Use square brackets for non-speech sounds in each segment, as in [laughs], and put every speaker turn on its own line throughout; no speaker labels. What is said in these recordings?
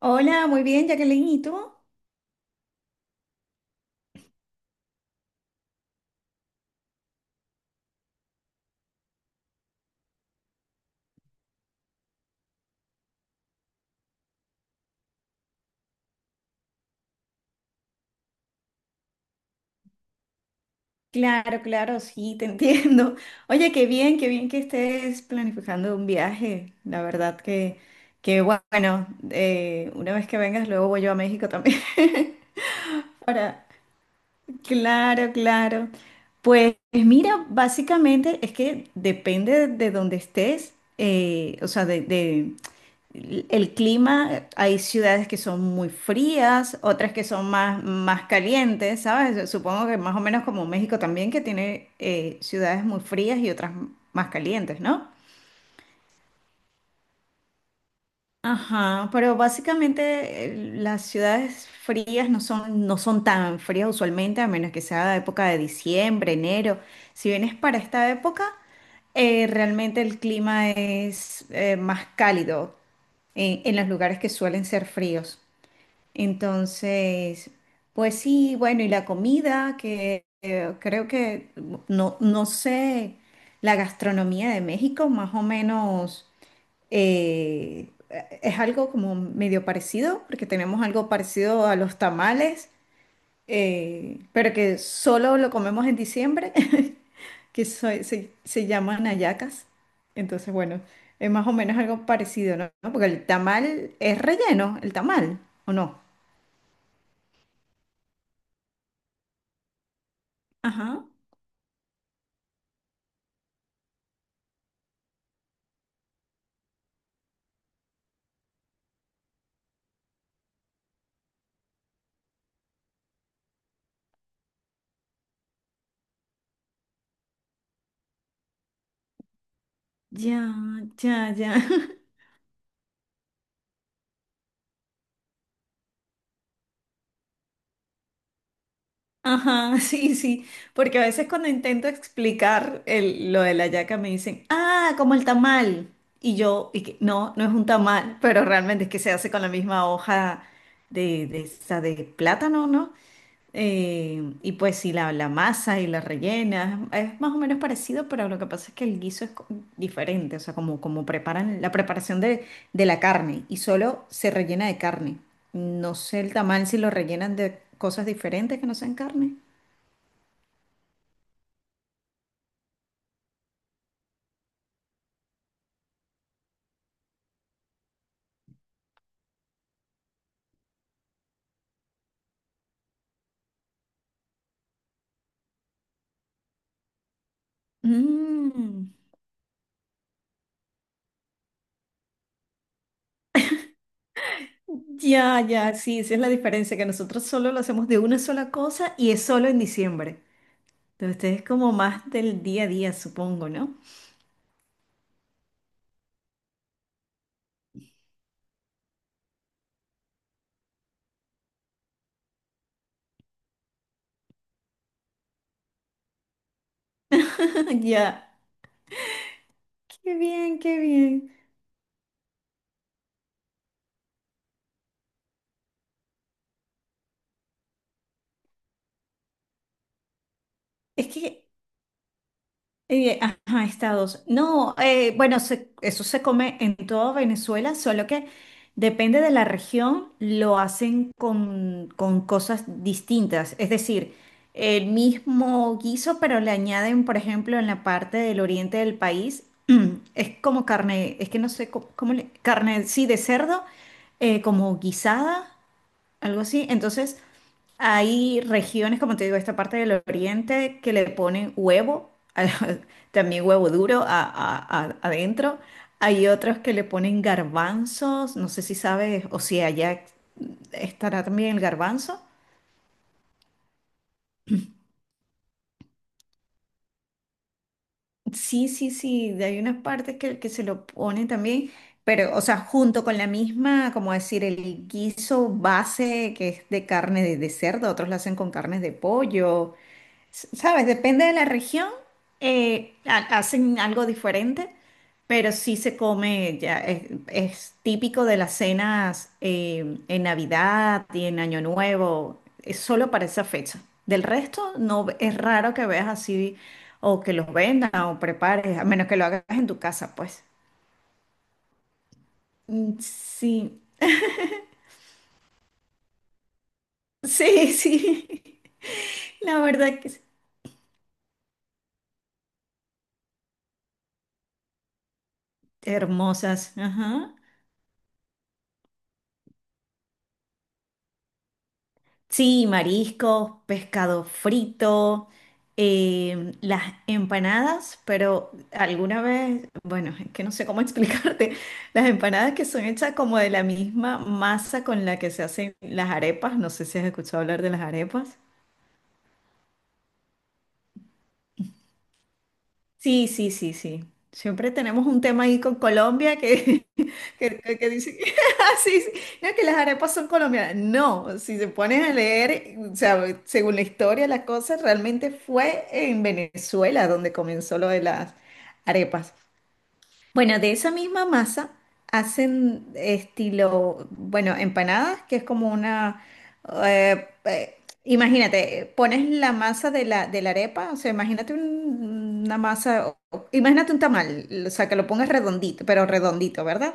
Hola, muy bien, Jacqueline, ¿y tú? Claro, claro, sí, te [laughs] entiendo. Oye, qué bien que estés planificando un viaje. La verdad que bueno, una vez que vengas, luego voy yo a México también. [laughs] Ahora, claro, claro. Pues mira, básicamente es que depende de donde estés, o sea, de. El clima, hay ciudades que son muy frías, otras que son más calientes, ¿sabes? Supongo que más o menos como México también, que tiene ciudades muy frías y otras más calientes, ¿no? Ajá, pero básicamente las ciudades frías no son tan frías usualmente, a menos que sea época de diciembre, enero. Si vienes para esta época, realmente el clima es más cálido en los lugares que suelen ser fríos. Entonces, pues sí, bueno, y la comida, que creo que no, no sé, la gastronomía de México más o menos eh, es algo como medio parecido, porque tenemos algo parecido a los tamales, pero que solo lo comemos en diciembre, [laughs] que se llaman hallacas. Entonces, bueno, es más o menos algo parecido, ¿no? Porque el tamal es relleno, el tamal, ¿o no? Ajá. Ya, ya, ya. [laughs] Ajá, sí, sí. Porque a veces cuando intento explicar lo de la yaca me dicen, ah, como el tamal. Y yo, y que, no, no es un tamal, pero realmente es que se hace con la misma hoja de esa de plátano, ¿no? Y pues si la masa y la rellena es más o menos parecido, pero lo que pasa es que el guiso es co- diferente, o sea, como, como preparan la preparación de la carne y solo se rellena de carne. No sé el tamal si lo rellenan de cosas diferentes que no sean carne. Mm, ya, ya, sí, esa es la diferencia, que nosotros solo lo hacemos de una sola cosa y es solo en diciembre. Entonces ustedes como más del día a día, supongo, ¿no? [laughs] Ya, qué bien, qué bien. Es que ajá, estados. No, bueno, eso se come en toda Venezuela, solo que depende de la región, lo hacen con cosas distintas. Es decir, el mismo guiso, pero le añaden, por ejemplo, en la parte del oriente del país, [clears throat] es como carne, es que no sé carne, sí, de cerdo, como guisada, algo así. Entonces, hay regiones, como te digo, esta parte del oriente que le ponen huevo, [laughs] también huevo duro adentro. Hay otros que le ponen garbanzos, no sé si sabes o si allá estará también el garbanzo. Sí, sí, sí, hay unas partes que se lo ponen también, pero, o sea, junto con la misma, como decir, el guiso base que es de carne de cerdo, otros lo hacen con carnes de pollo. Sabes, depende de la región, hacen algo diferente, pero sí se come, ya es típico de las cenas en Navidad y en Año Nuevo, es solo para esa fecha. Del resto, no ve- es raro que veas así o que los vendan o prepares, a menos que lo hagas en tu casa, pues. Mm, sí, sí, [laughs] sí. La verdad que sí. Hermosas, ajá. Sí, mariscos, pescado frito, las empanadas, pero alguna vez, bueno, es que no sé cómo [laughs] explicarte, las empanadas que son hechas como de la misma masa con la que se hacen las arepas, no sé si has escuchado hablar de las arepas. Sí, sí, sí, sí. Siempre tenemos un tema ahí con Colombia que, [laughs] que dicen, [laughs] "Ah, sí, sí, no, que las arepas son colombianas. No, si se ponen a leer, o sea, según la historia, la cosa realmente fue en Venezuela donde comenzó lo de las arepas. Bueno, de esa misma masa hacen estilo, bueno, empanadas, que es como una, eh, eh, imagínate, pones la masa de de la arepa, o sea, una masa, imagínate un tamal, o sea, que lo pongas redondito, pero redondito, ¿verdad?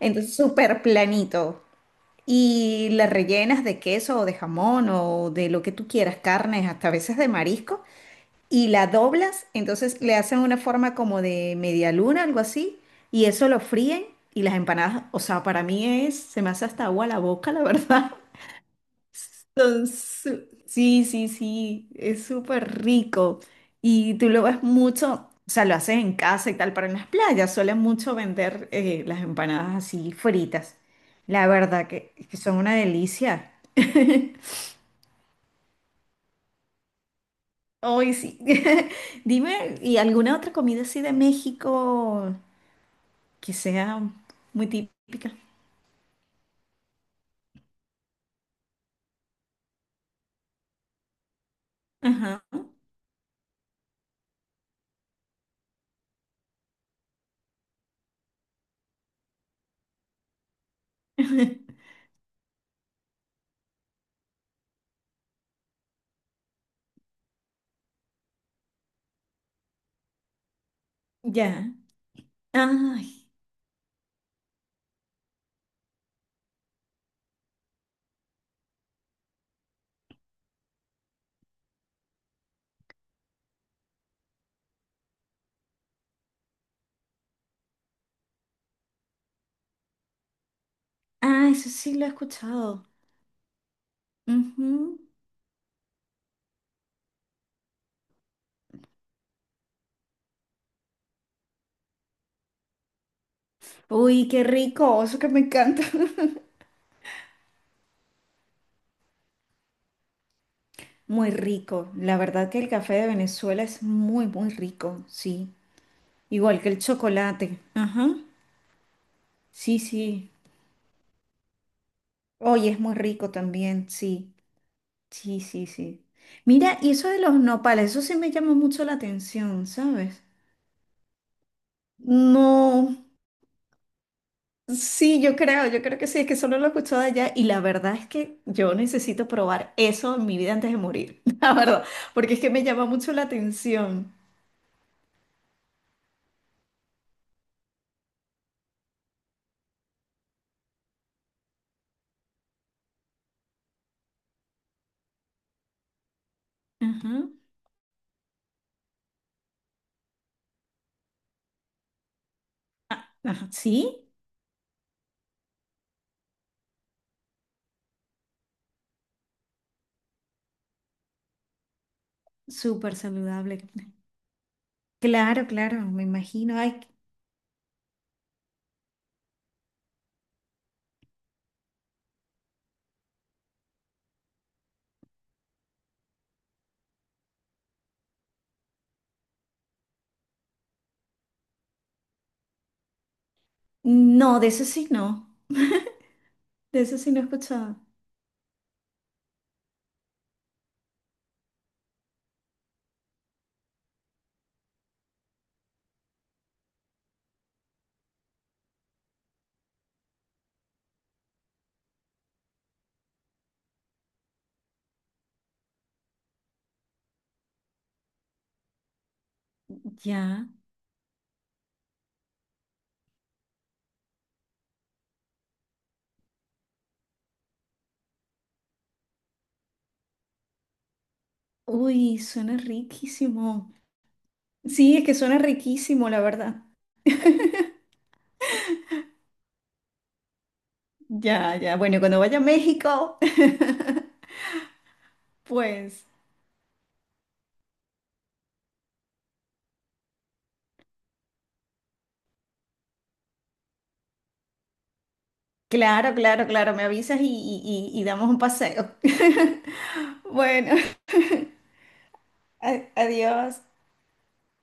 Entonces, súper planito. Y la rellenas de queso o de jamón o de lo que tú quieras, carnes, hasta a veces de marisco y la doblas, entonces le hacen una forma como de media luna, algo así, y eso lo fríen y las empanadas, o sea, para mí es, se me hace hasta agua la boca, la verdad. [laughs] Sí, sí, sí, es súper rico. Y tú lo ves mucho, o sea, lo haces en casa y tal, pero en las playas suelen mucho vender las empanadas así fritas. La verdad que son una delicia. [laughs] Hoy sí. [laughs] Dime, ¿y alguna otra comida así de México que sea muy típica? Ajá. [laughs] Ya. Ay, ah, eso sí lo he escuchado. Ujú. Uy, qué rico, eso que me encanta. [laughs] Muy rico. La verdad que el café de Venezuela es muy, muy rico, sí. Igual que el chocolate. Ajá. Sí, sí. Oye, es muy rico también, sí. Sí, sí, sí. Mira, y eso de los nopales, eso sí me llama mucho la atención, ¿sabes? No. Sí, yo creo que sí, es que solo lo he escuchado allá y la verdad es que yo necesito probar eso en mi vida antes de morir, [laughs] la verdad, porque es que me llama mucho la atención. Ajá. Ah, ajá. Sí, súper saludable. Claro, claro, me imagino. Ay, no, de eso sí no, de eso sí no he escuchado. Ya. Uy, suena riquísimo. Sí, es que suena riquísimo, la verdad. Ya, ya. Bueno, cuando vaya a México, [laughs] pues. Claro, claro, claro, me avisas y damos un paseo. [laughs] Bueno, adiós.